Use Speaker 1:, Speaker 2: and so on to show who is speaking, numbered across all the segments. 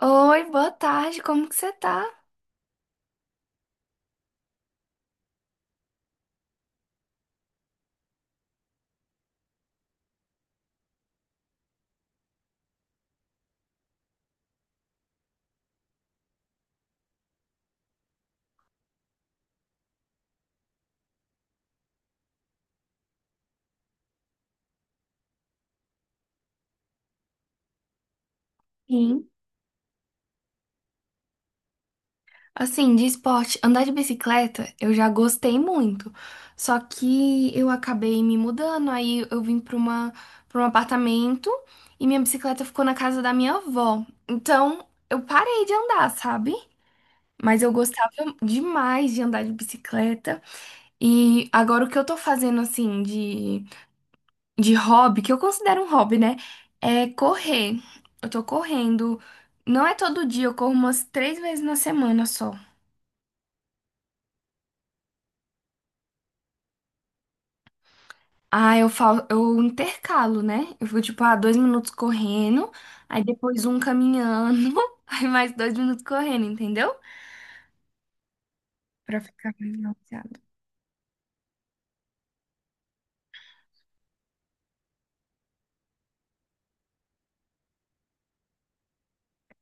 Speaker 1: Oi, boa tarde, como que você tá? Sim. Assim, de esporte, andar de bicicleta eu já gostei muito, só que eu acabei me mudando, aí eu vim para um apartamento e minha bicicleta ficou na casa da minha avó. Então eu parei de andar, sabe? Mas eu gostava demais de andar de bicicleta e agora o que eu tô fazendo assim de hobby, que eu considero um hobby, né? É correr. Eu tô correndo. Não é todo dia, eu corro umas 3 vezes na semana só. Ah, eu falo, eu intercalo, né? Eu fico tipo, ah, 2 minutos correndo, aí depois um caminhando, aí mais 2 minutos correndo, entendeu? Pra ficar mais balanceado.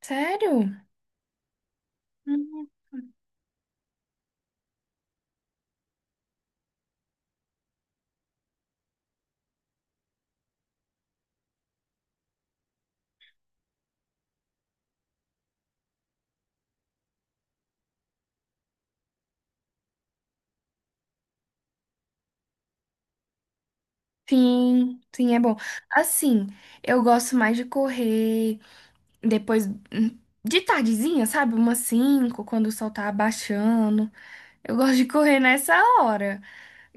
Speaker 1: Sério? Hum. Sim, sim, é bom. Assim, eu gosto mais de correr. Depois hum, de tardezinha, sabe? Umas 5 quando o sol tá abaixando. Eu gosto de correr nessa hora.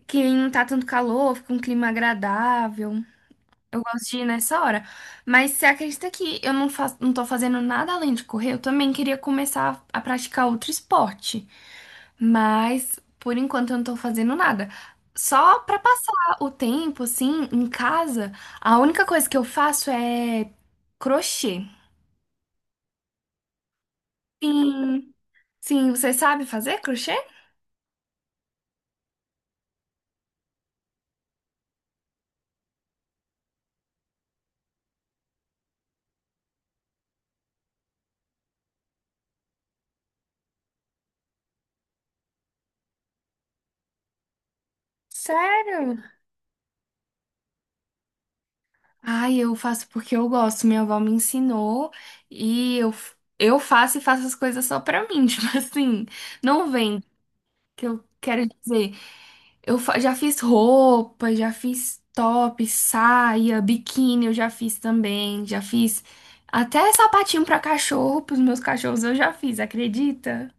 Speaker 1: Que não tá tanto calor, fica um clima agradável. Eu gosto de ir nessa hora. Mas você acredita que eu não faço, não tô fazendo nada além de correr? Eu também queria começar a praticar outro esporte. Mas por enquanto eu não tô fazendo nada. Só pra passar o tempo, assim, em casa, a única coisa que eu faço é crochê. Sim, sim, você sabe fazer crochê? Sério? Ai, eu faço porque eu gosto. Minha avó me ensinou e eu faço e faço as coisas só pra mim. Tipo assim, não vem, que eu quero dizer. Já fiz roupa, já fiz top, saia, biquíni, eu já fiz também. Já fiz até sapatinho pra cachorro, pros meus cachorros eu já fiz, acredita?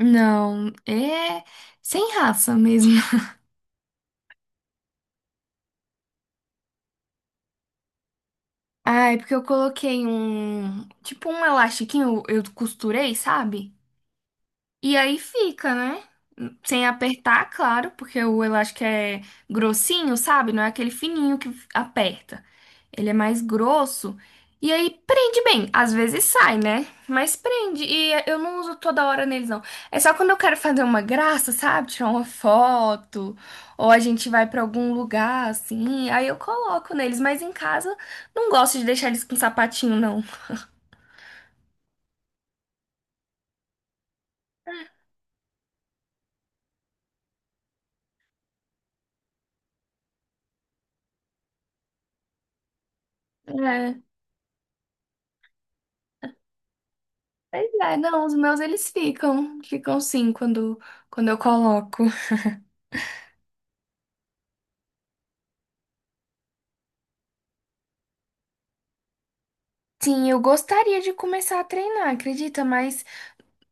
Speaker 1: Não, é sem raça mesmo. Ah, é porque eu coloquei um. Tipo um elastiquinho, eu costurei, sabe? E aí fica, né? Sem apertar, claro, porque o elástico é grossinho, sabe? Não é aquele fininho que aperta. Ele é mais grosso. E aí prende bem. Às vezes sai, né? Mas prende. E eu não uso toda hora neles, não. É só quando eu quero fazer uma graça, sabe? Tirar uma foto. Ou a gente vai pra algum lugar, assim. Aí eu coloco neles. Mas em casa, não gosto de deixar eles com sapatinho, não. Pois é, não, os meus eles ficam sim quando eu coloco. Sim, eu gostaria de começar a treinar, acredita? Mas,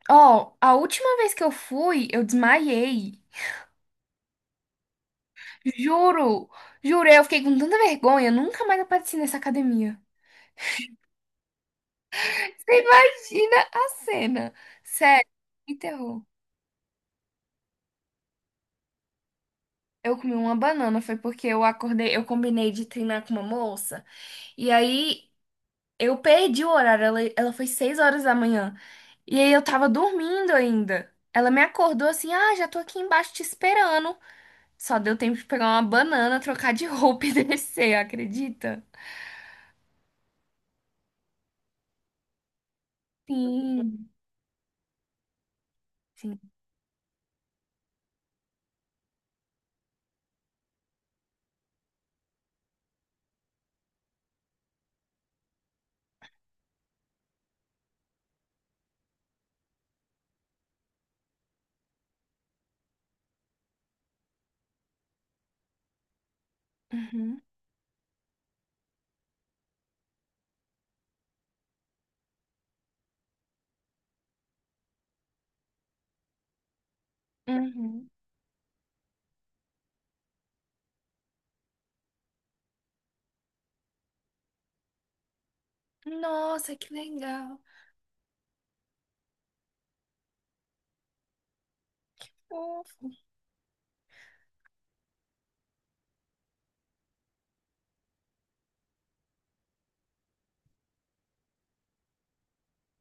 Speaker 1: ó, a última vez que eu fui, eu desmaiei. Juro, juro, eu fiquei com tanta vergonha, nunca mais apareci nessa academia. Você imagina a cena. Sério, me terror. Eu comi uma banana, foi porque eu acordei, eu combinei de treinar com uma moça. E aí eu perdi o horário, ela foi 6 horas da manhã. E aí eu tava dormindo ainda. Ela me acordou assim, ah, já tô aqui embaixo te esperando. Só deu tempo de pegar uma banana, trocar de roupa e descer, acredita? Sim, sim. Uhum, uhum. Nossa, que legal. Fofo.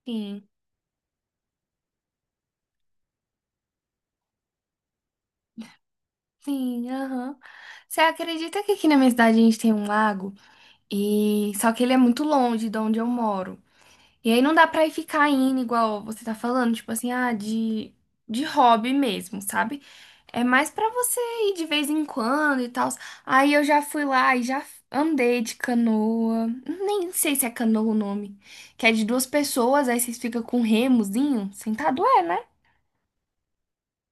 Speaker 1: Sim, sim, aham. Você acredita que aqui na minha cidade a gente tem um lago? E só que ele é muito longe de onde eu moro. E aí não dá pra ir ficar indo igual você tá falando, tipo assim, ah, de hobby mesmo, sabe? É mais pra você ir de vez em quando e tal. Aí eu já fui lá e já andei de canoa. Nem sei se é canoa o nome. Que é de duas pessoas, aí vocês ficam com um remozinho. Sentado é, né?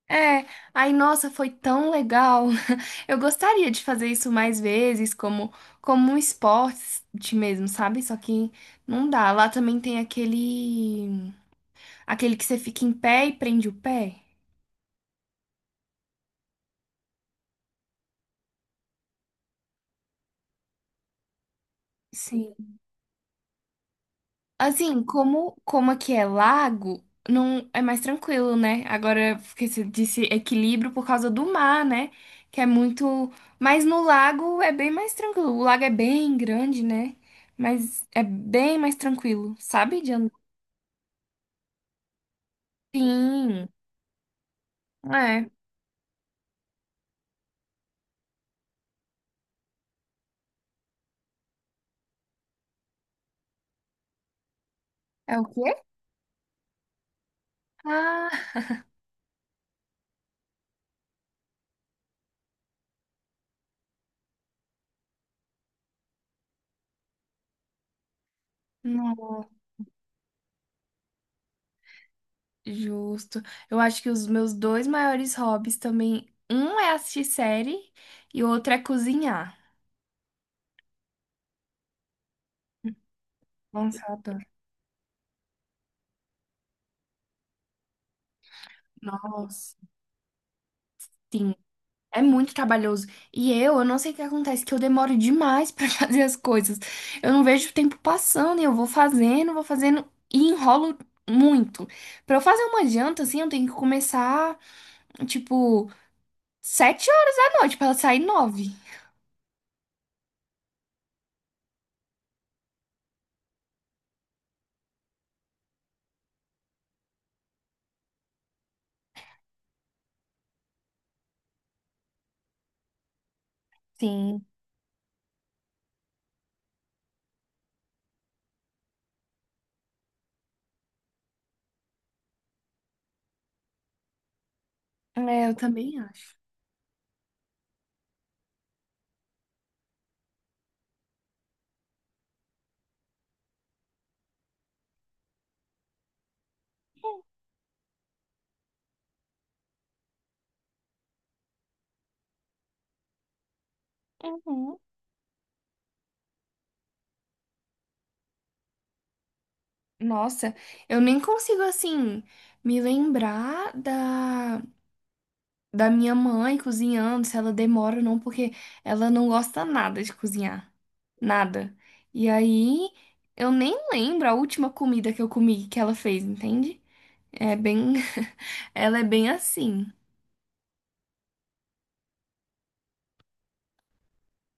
Speaker 1: É, aí nossa, foi tão legal. Eu gostaria de fazer isso mais vezes, como um esporte mesmo, sabe? Só que não dá. Lá também tem aquele que você fica em pé e prende o pé? Sim. Assim, como aqui é lago, não é mais tranquilo, né? Agora, porque você disse equilíbrio por causa do mar, né? Que é muito. Mas no lago é bem mais tranquilo. O lago é bem grande, né? Mas é bem mais tranquilo, sabe? De andar. Sim. É. É o quê? Ah, não. Justo. Eu acho que os meus dois maiores hobbies também. Um é assistir série e o outro é cozinhar. Lançada. Nossa, sim. É muito trabalhoso. E eu não sei o que acontece, que eu demoro demais pra fazer as coisas. Eu não vejo o tempo passando e eu vou fazendo e enrolo muito. Pra eu fazer uma janta, assim, eu tenho que começar, tipo, 7 horas da noite pra ela sair 9. Sim. É, eu também acho. Uhum. Nossa, eu nem consigo, assim, me lembrar da minha mãe cozinhando, se ela demora ou não, porque ela não gosta nada de cozinhar. Nada. E aí, eu nem lembro a última comida que eu comi que ela fez, entende? É bem. Ela é bem assim.